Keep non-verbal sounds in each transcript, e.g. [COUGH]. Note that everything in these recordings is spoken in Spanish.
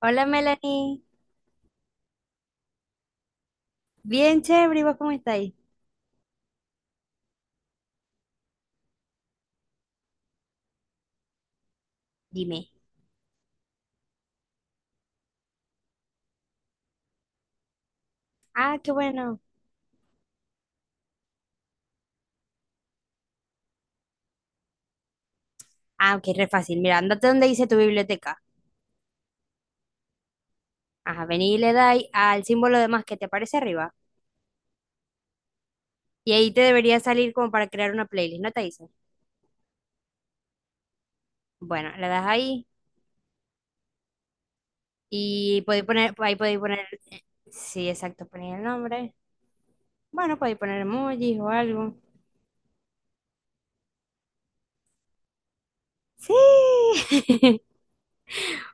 Hola Melanie, bien chévere, ¿y vos cómo estáis? Dime. Ah, qué bueno. Ah, ok, re fácil. Mira, andate donde dice tu biblioteca. Ajá, vení y le dais al símbolo de más que te aparece arriba. Y ahí te debería salir como para crear una playlist, ¿no te dice? Bueno, le das ahí y ahí podéis poner, sí, exacto, poner el nombre. Bueno, podéis poner emojis o algo. Sí. [LAUGHS]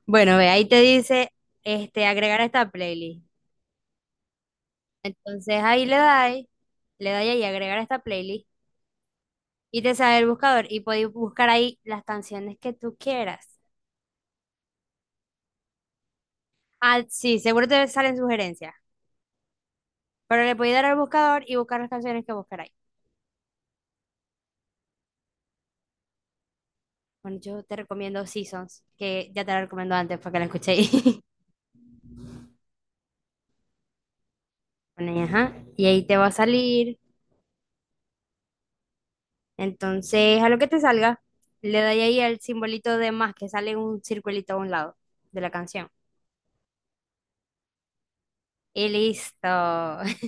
Bueno, ve, ahí te dice, agregar a esta playlist. Entonces ahí le dais ahí agregar a esta playlist. Y te sale el buscador y podéis buscar ahí las canciones que tú quieras. Ah, sí, seguro te salen sugerencias, pero le podéis dar al buscador y buscar las canciones que buscaráis. Bueno, yo te recomiendo Seasons, que ya te la recomiendo antes para que la escuchéis. [LAUGHS] Bueno, y ajá, y ahí te va a salir. Entonces, a lo que te salga, le doy ahí al simbolito de más que sale un circulito a un lado de la canción. Y listo. [LAUGHS]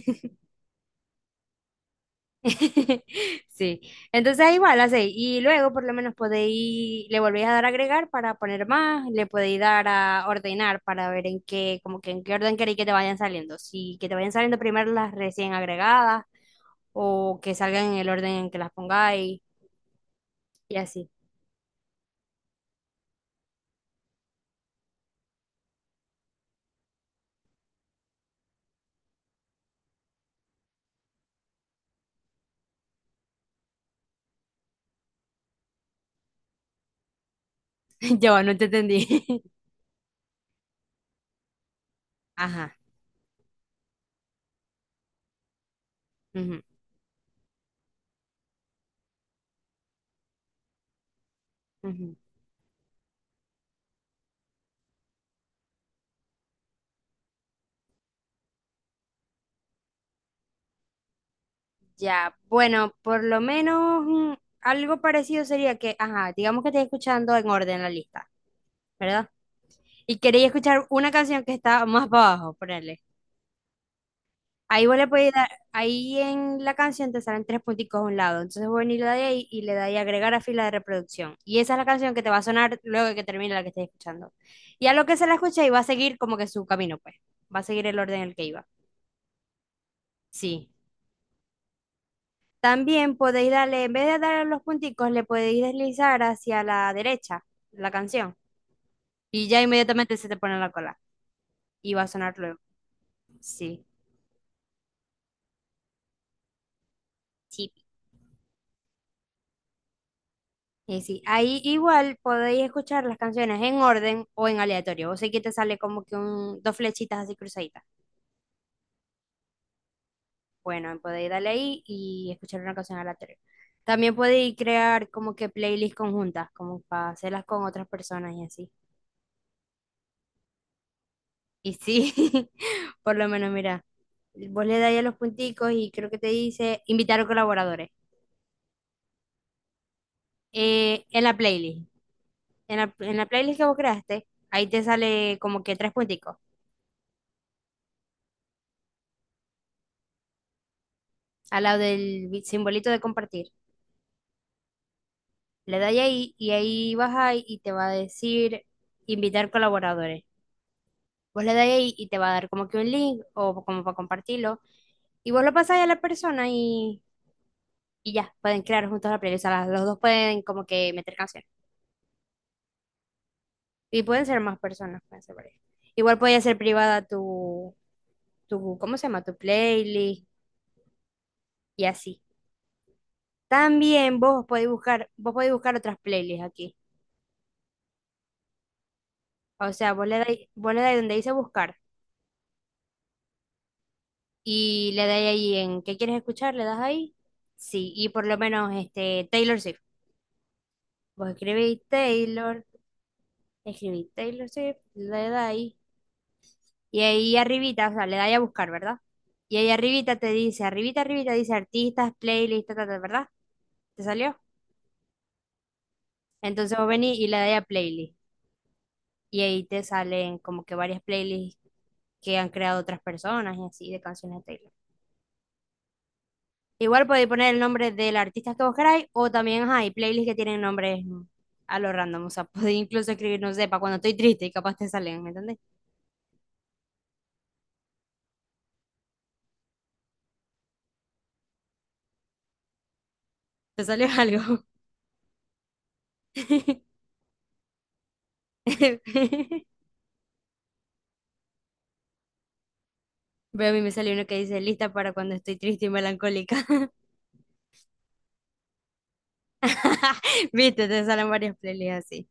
[LAUGHS] Sí, entonces igual así, y luego por lo menos le volvéis a dar a agregar para poner más, le podéis dar a ordenar para ver en qué, como que en qué orden queréis que te vayan saliendo, si que te vayan saliendo primero las recién agregadas o que salgan en el orden en que las pongáis y así. [LAUGHS] Yo no te entendí. [LAUGHS] Ajá. Ujú, ujú. Ya, bueno, por lo menos algo parecido sería que, ajá, digamos que estés escuchando en orden la lista, ¿verdad? Y queréis escuchar una canción que está más para abajo, ponele. Ahí vos le podéis dar, ahí en la canción te salen tres punticos a un lado. Entonces vos venís y le dais ahí y le dais agregar a fila de reproducción. Y esa es la canción que te va a sonar luego de que termine la que estés escuchando. Y a lo que se la escucha y va a seguir como que su camino, pues. Va a seguir el orden en el que iba. Sí. También podéis darle, en vez de darle los punticos, le podéis deslizar hacia la derecha la canción. Y ya inmediatamente se te pone en la cola. Y va a sonar luego. Sí. Sí. Y sí, ahí igual podéis escuchar las canciones en orden o en aleatorio. Vos sé que te sale como que un, dos flechitas así cruzaditas. Bueno, podéis darle ahí y escuchar una canción aleatoria. También podéis crear como que playlists conjuntas, como para hacerlas con otras personas y así. Y sí, [LAUGHS] por lo menos, mira, vos le dais a los punticos y creo que te dice invitar a colaboradores. En la playlist, en la playlist que vos creaste, ahí te sale como que tres punticos al lado del simbolito de compartir. Le dais ahí y ahí vas ahí y te va a decir invitar colaboradores. Vos le dais ahí y te va a dar como que un link o como para compartirlo. Y vos lo pasáis a la persona y ya, pueden crear juntos la playlist. O sea, los dos pueden como que meter canciones. Y pueden ser más personas, pueden ser varias. Igual puede ser privada tu, ¿cómo se llama? Tu playlist y así. También vos podéis buscar otras playlists aquí. O sea, vos le dais donde dice buscar y le dais ahí en ¿qué quieres escuchar? Le das ahí. Sí, y por lo menos este Taylor Swift. Vos escribís Taylor Swift, le das ahí. Y ahí arribita, o sea, le dais a buscar, ¿verdad? Y ahí arribita te dice, arribita, arribita dice artistas, playlist, ta, ta, ta, ¿verdad? ¿Te salió? Entonces vos venís y le dais a playlist. Y ahí te salen como que varias playlists que han creado otras personas y así de canciones de Taylor. Igual podéis poner el nombre del artista que vos queráis o también hay playlists que tienen nombres a lo random. O sea, [LAUGHS] podéis incluso escribir, no sé, para cuando estoy triste y capaz te salen, ¿me entendés? Te salió algo. [LAUGHS] Veo a mí me salió uno que dice lista para cuando estoy triste y melancólica. [LAUGHS] Viste, te salen varias playlists así.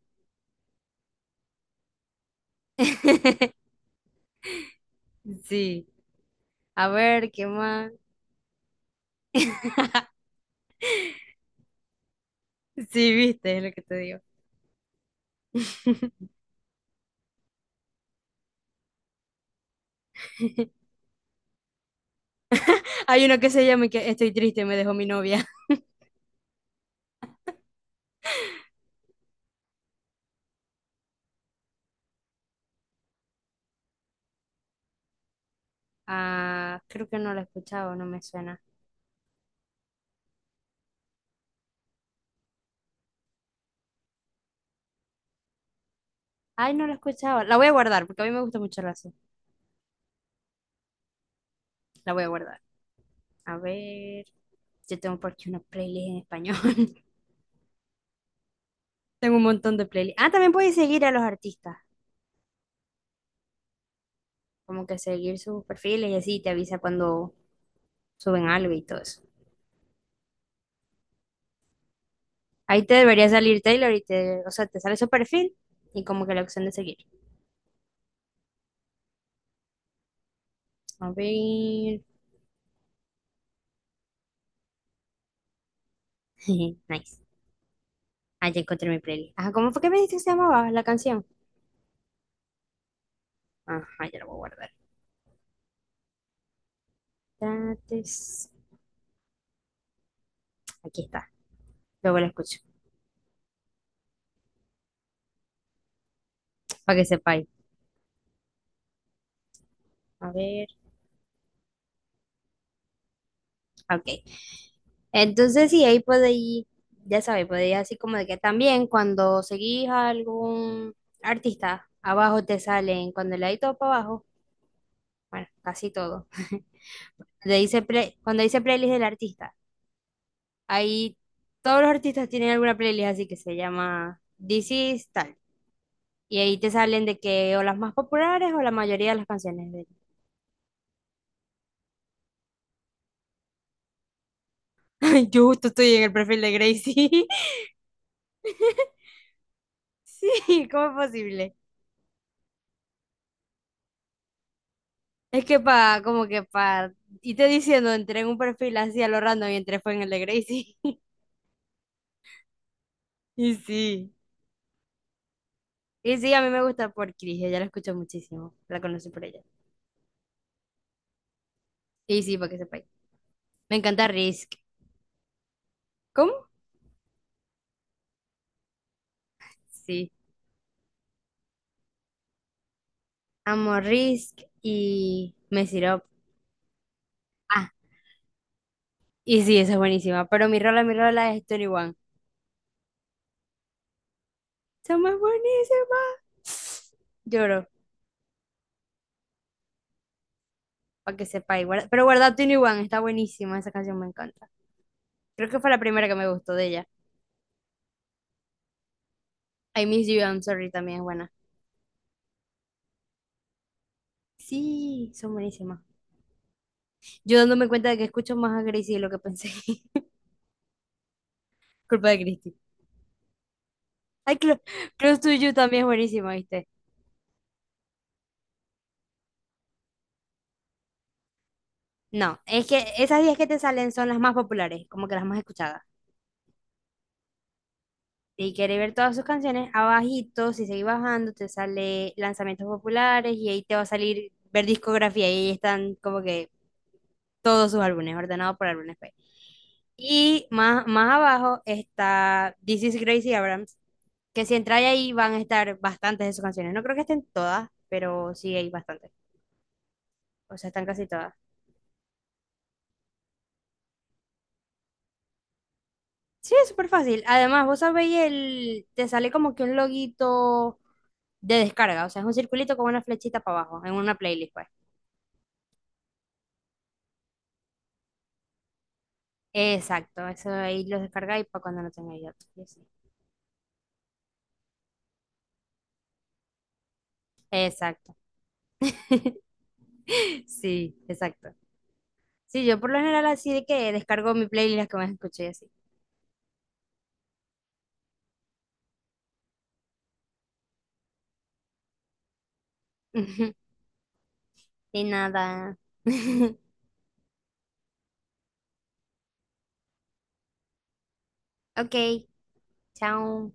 [LAUGHS] Sí. A ver, ¿qué más? [LAUGHS] Sí, viste, es lo que te digo. [LAUGHS] Hay uno que se llama y que estoy triste, me dejó mi novia. [LAUGHS] Ah, creo que no la he escuchado, no me suena. Ay, no la he escuchado. La voy a guardar porque a mí me gusta mucho la salsa. La voy a guardar. A ver, yo tengo por aquí una playlist en español. [LAUGHS] Tengo un montón de playlists. Ah, también puedes seguir a los artistas, como que seguir sus perfiles y así te avisa cuando suben algo y todo eso. Ahí te debería salir Taylor y te, o sea, te sale su perfil y como que la opción de seguir. A ver. [LAUGHS] Nice. Ah, ya encontré mi playlist. Ajá, ¿cómo fue que me dijiste que se llamaba la canción? Ajá, ya la voy a guardar. Tates- Aquí está. Luego la escucho, para que sepáis. A ver, ok. Entonces, sí, ahí podéis, ya sabéis, podéis así como de que también cuando seguís a algún artista, abajo te salen, cuando le dais todo para abajo, bueno, casi todo. [LAUGHS] Cuando dice, play- cuando dice playlist del artista, ahí todos los artistas tienen alguna playlist así que se llama This is tal. Y ahí te salen de que o las más populares o la mayoría de las canciones de él. [LAUGHS] Yo justo estoy en el perfil de Gracie. [LAUGHS] Sí, ¿cómo es posible? Es que para, como que para, y te diciendo, entré en un perfil así a lo random y entré fue en el de Gracie. [LAUGHS] Y sí. Y sí, a mí me gusta por Chris, ella la escucho muchísimo, la conocí por ella. Y sí, para que sepáis. Me encanta Risk. ¿Cómo? Sí. Amo Risk y me Up. Ah, y sí, esa es buenísima. Pero mi rola es 21. Somos buenísimas. [LAUGHS] Lloro, para que sepáis. Guarda- Pero guarda 21, está buenísima, esa canción me encanta. Creo que fue la primera que me gustó de ella. I Miss You, I'm Sorry también es buena. Sí, son buenísimas. Yo dándome cuenta de que escucho más a Gracie de lo que pensé. [LAUGHS] Culpa de Christy. Ay, Clo- Close to You también es buenísima, ¿viste? No, es que esas 10 que te salen son las más populares, como que las más escuchadas. Si quieres ver todas sus canciones, abajito, si seguís bajando, te sale lanzamientos populares y ahí te va a salir ver discografía y ahí están como que todos sus álbumes, ordenados por álbumes, pues. Y más abajo está This is Gracie Abrams, que si entráis ahí van a estar bastantes de sus canciones. No creo que estén todas, pero sí hay bastantes. O sea, están casi todas. Sí, es súper fácil. Además, vos sabéis, te sale como que un loguito de descarga. O sea, es un circulito con una flechita para abajo, en una playlist, pues. Exacto, eso ahí lo descargáis para cuando no tengáis otro y así. Exacto. [LAUGHS] Sí, exacto. Sí, yo por lo general así de que descargo mi playlist las que más escuché y así. [LAUGHS] Y nada. [LAUGHS] Ok, chao.